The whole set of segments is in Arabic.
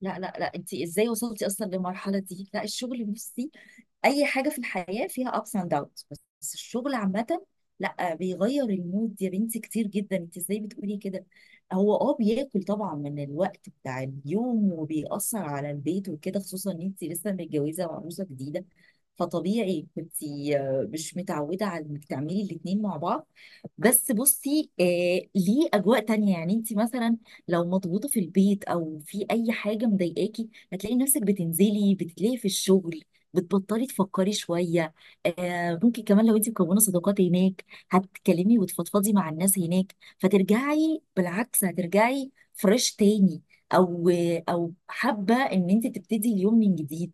لا لا لا، انت ازاي وصلتي اصلا للمرحله دي؟ لا، الشغل بصي، اي حاجه في الحياه فيها ups and downs. بس الشغل عامه لا بيغير المود يا بنتي كتير جدا، انت ازاي بتقولي كده؟ هو بياكل طبعا من الوقت بتاع اليوم، وبيأثر على البيت وكده، خصوصا ان انت لسه متجوزه وعروسه جديده، فطبيعي كنت مش متعوده على انك تعملي الاتنين مع بعض. بس بصي، آه، ليه اجواء تانية. يعني انت مثلا لو مضغوطه في البيت او في اي حاجه مضايقاكي، هتلاقي نفسك بتنزلي بتلاقي في الشغل بتبطلي تفكري شويه. آه، ممكن كمان لو انت مكونه صداقات هناك هتتكلمي وتفضفضي مع الناس هناك، فترجعي بالعكس، هترجعي فريش تاني. او او حابه ان انت تبتدي اليوم من جديد.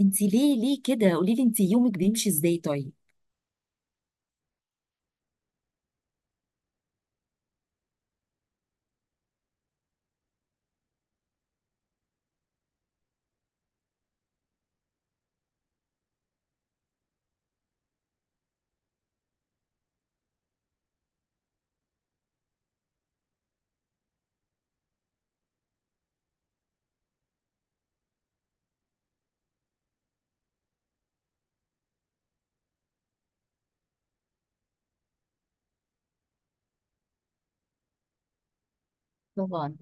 انت ليه ليه كده؟ قولي لي انت يومك بيمشي ازاي طيب؟ طبعا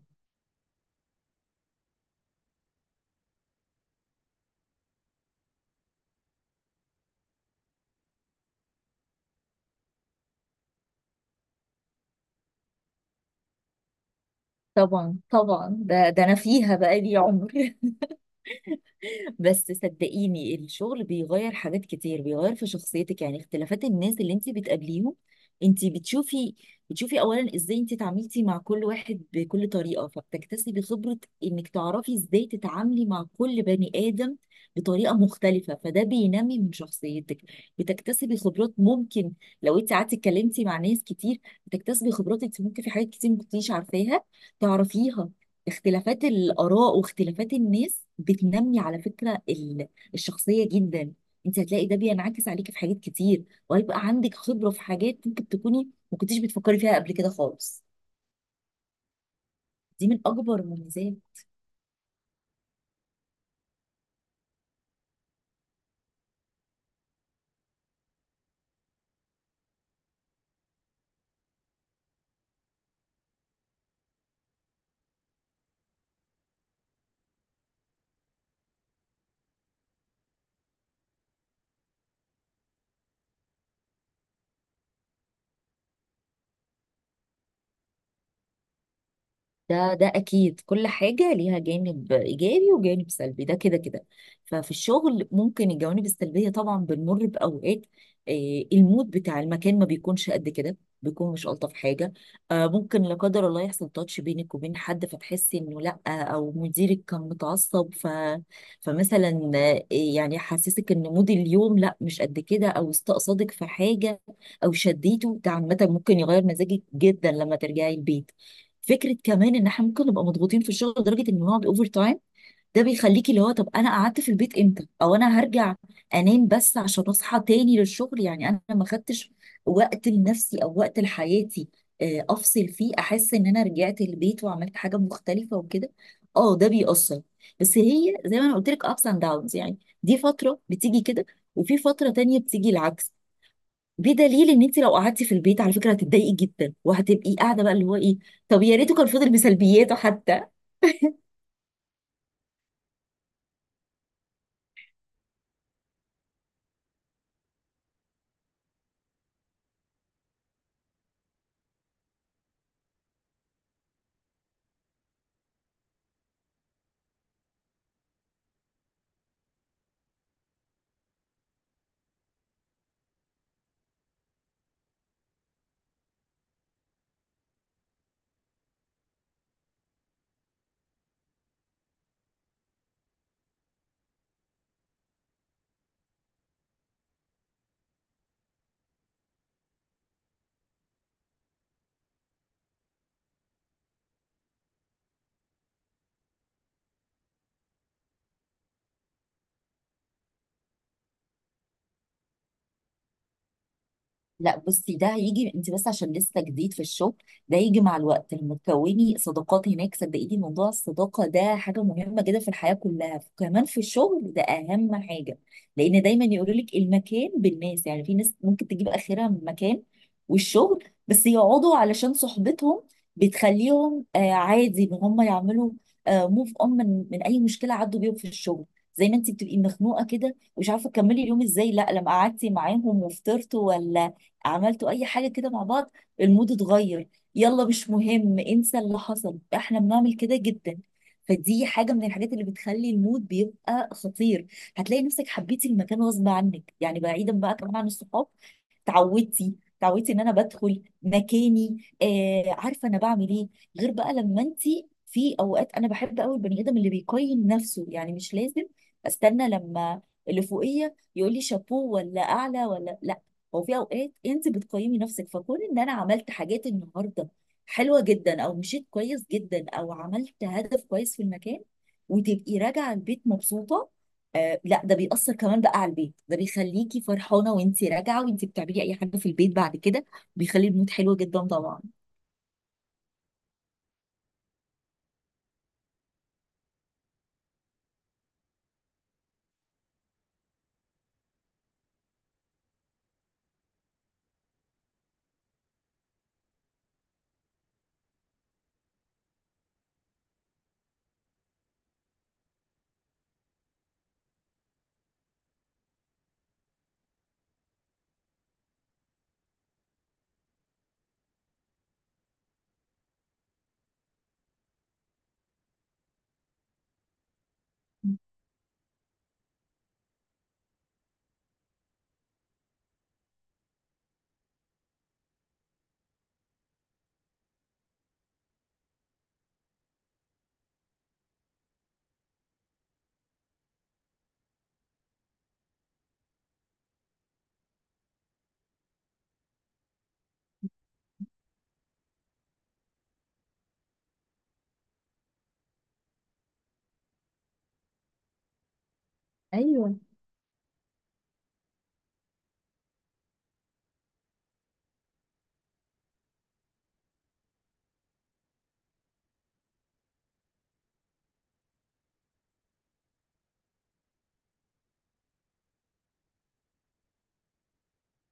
طبعا طبعا، ده انا فيها بقالي عمر. بس صدقيني الشغل بيغير حاجات كتير، بيغير في شخصيتك، يعني اختلافات الناس اللي انت بتقابليهم، انت بتشوفي اولا ازاي انت اتعاملتي مع كل واحد بكل طريقة، فبتكتسبي خبرة انك تعرفي ازاي تتعاملي مع كل بني ادم بطريقة مختلفة، فده بينمي من شخصيتك. بتكتسبي خبرات ممكن لو انت قعدتي اتكلمتي مع ناس كتير، بتكتسبي خبرات انت ممكن في حاجات كتير ما كنتيش عارفاها تعرفيها. اختلافات الآراء واختلافات الناس بتنمي على فكرة الشخصية جدا. انت هتلاقي ده بينعكس عليكي في حاجات كتير، وهيبقى عندك خبرة في حاجات ممكن تكوني ما كنتيش بتفكري فيها قبل كده خالص. دي من أكبر مميزات. ده اكيد كل حاجه ليها جانب ايجابي وجانب سلبي، ده كده كده. ففي الشغل ممكن الجوانب السلبيه، طبعا بنمر باوقات، المود بتاع المكان ما بيكونش قد كده، بيكون مش الطف حاجه. ممكن لا قدر الله يحصل تاتش بينك وبين حد فتحسي انه لا، او مديرك كان متعصب، فمثلا، يعني حسسك ان مود اليوم لا مش قد كده، او استقصدك في حاجه او شديته. ده عامه ممكن يغير مزاجك جدا لما ترجعي البيت. فكره كمان ان احنا ممكن نبقى مضغوطين في الشغل لدرجه ان نقعد اوفر تايم، ده بيخليكي اللي هو طب انا قعدت في البيت امتى؟ او انا هرجع انام بس عشان اصحى تاني للشغل، يعني انا ما خدتش وقت لنفسي او وقت لحياتي، افصل فيه احس ان انا رجعت البيت وعملت حاجه مختلفه وكده. اه ده بيأثر. بس هي زي ما انا قلت لك ابس اند داونز، يعني دي فتره بتيجي كده، وفي فتره تانية بتيجي العكس. بدليل ان انت لو قعدتي في البيت على فكره هتتضايقي جدا، وهتبقي قاعده بقى اللي هو ايه، طب يا ريته كان فضل بسلبياته حتى. لا بصي، ده هيجي، انت بس عشان لسه جديد في الشغل، ده يجي مع الوقت لما تكوني صداقات هناك. صدقيني موضوع الصداقة ده حاجة مهمة جدا في الحياة كلها، كمان في الشغل ده أهم حاجة، لأن دايما يقولوا لك المكان بالناس. يعني في ناس ممكن تجيب آخرها من مكان والشغل بس يقعدوا علشان صحبتهم، بتخليهم آه عادي إن هم يعملوا آه موف أون من أي مشكلة عدوا بيهم في الشغل. زي ما انت بتبقي مخنوقة كده ومش عارفة تكملي اليوم ازاي، لا لما قعدتي معاهم وفطرتوا ولا عملتوا اي حاجه كده مع بعض، المود اتغير، يلا مش مهم انسى اللي حصل، احنا بنعمل كده جدا. فدي حاجه من الحاجات اللي بتخلي المود بيبقى خطير. هتلاقي نفسك حبيتي المكان غصب عنك، يعني بعيدا بقى كمان عن الصحاب، تعودتي، ان انا بدخل مكاني، آه عارفه انا بعمل ايه. غير بقى لما انت، في اوقات انا بحب قوي البني ادم اللي بيقيم نفسه، يعني مش لازم استنى لما اللي فوقيه يقول لي شابوه ولا اعلى ولا لا، هو في اوقات انت بتقيمي نفسك، فكون ان انا عملت حاجات النهارده حلوه جدا، او مشيت كويس جدا، او عملت هدف كويس في المكان، وتبقي راجعه البيت مبسوطه، آه لا ده بيأثر كمان بقى على البيت، ده بيخليكي فرحانه وانت راجعه وانت بتعملي اي حاجه في البيت بعد كده، بيخلي المود حلو جدا طبعا. ايوه.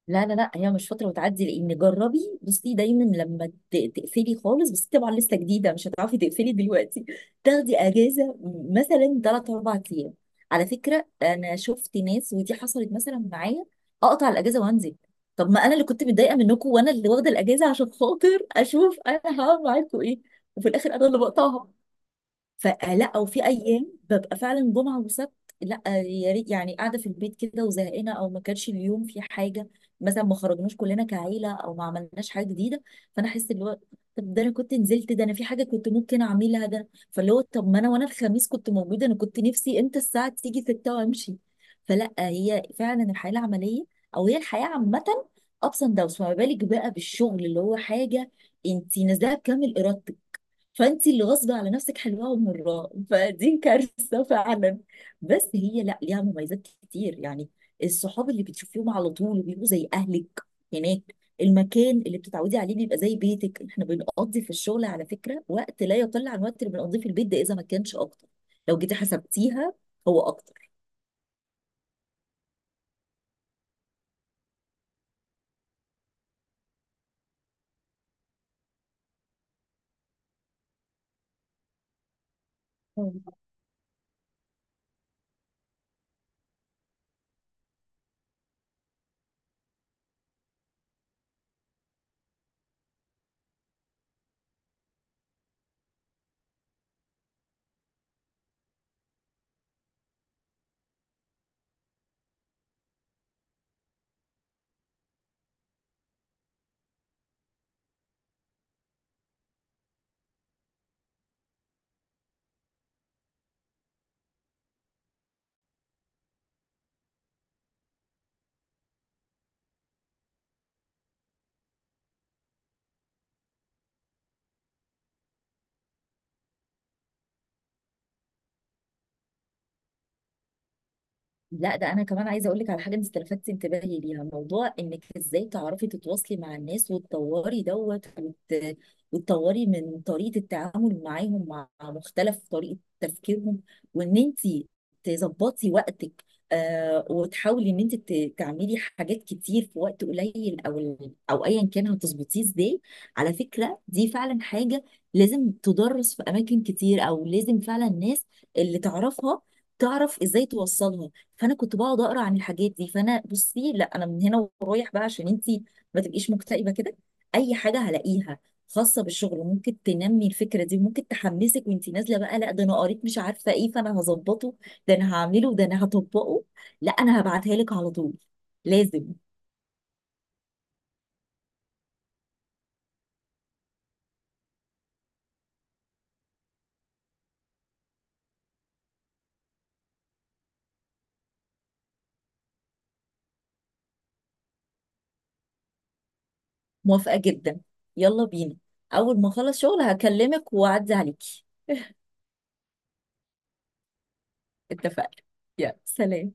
لا لا لا، هي مش فترة وتعدي، لأن جربي بصي دايما لما تقفلي خالص، بس طبعا لسه جديدة مش هتعرفي تقفلي دلوقتي. تاخدي أجازة مثلا تلات أربع أيام، على فكرة أنا شفت ناس ودي حصلت مثلا معايا، أقطع الأجازة وأنزل. طب ما أنا اللي كنت متضايقة منكم، وأنا اللي واخدة الأجازة عشان خاطر أشوف أنا هعمل معاكم إيه، وفي الآخر أنا اللي بقطعها. فلا، او في ايام ببقى فعلا جمعه وسبت، لا يا ريت يعني، قاعده في البيت كده وزهقانه، او ما كانش اليوم في حاجه مثلا، ما خرجناش كلنا كعيله، او ما عملناش حاجه جديده، فانا احس اللي هو طب ده انا كنت نزلت، ده انا في حاجه كنت ممكن اعملها، ده فاللي هو طب ما انا وانا الخميس كنت موجوده انا كنت نفسي امتى الساعه تيجي 6 وامشي. فلا، هي فعلا الحياه العمليه، او هي الحياه عامه، ابس اند داونز، فما بالك بقى بالشغل اللي هو حاجه انت نازلها بكامل ارادتك، فانت اللي غصب على نفسك حلوه ومراه فدي كارثه فعلا. بس هي لا، ليها مميزات كتير يعني. الصحاب اللي بتشوفيهم على طول بيبقوا زي اهلك هناك، المكان اللي بتتعودي عليه بيبقى زي بيتك. احنا بنقضي في الشغل على فكره وقت لا يقل عن الوقت اللي بنقضيه في البيت، ده اذا ما كانش اكتر، لو جيتي حسبتيها هو اكتر. لا ده انا كمان عايزه اقول لك على حاجه انت استلفتي انتباهي ليها، موضوع انك ازاي تعرفي تتواصلي مع الناس وتطوري وتطوري من طريقه التعامل معاهم مع مختلف طريقه تفكيرهم، وان انت تظبطي وقتك، آه وتحاولي ان انت تعملي حاجات كتير في وقت قليل، او او ايا كان هتظبطيه ازاي. على فكره دي فعلا حاجه لازم تدرس في اماكن كتير، او لازم فعلا الناس اللي تعرفها تعرف ازاي توصلها. فانا كنت بقعد اقرا عن الحاجات دي، فانا بصي لا انا من هنا ورايح بقى، عشان انتي ما تبقيش مكتئبه كده، اي حاجه هلاقيها خاصه بالشغل ممكن تنمي الفكره دي وممكن تحمسك وانتي نازله بقى، لا ده انا قريت مش عارفه ايه فانا هظبطه، ده انا هعمله، ده انا هطبقه. لا انا هبعتها لك على طول، لازم. موافقه جدا، يلا بينا، اول ما اخلص شغل هكلمك واعدي عليكي. اتفقنا، يلا سلام.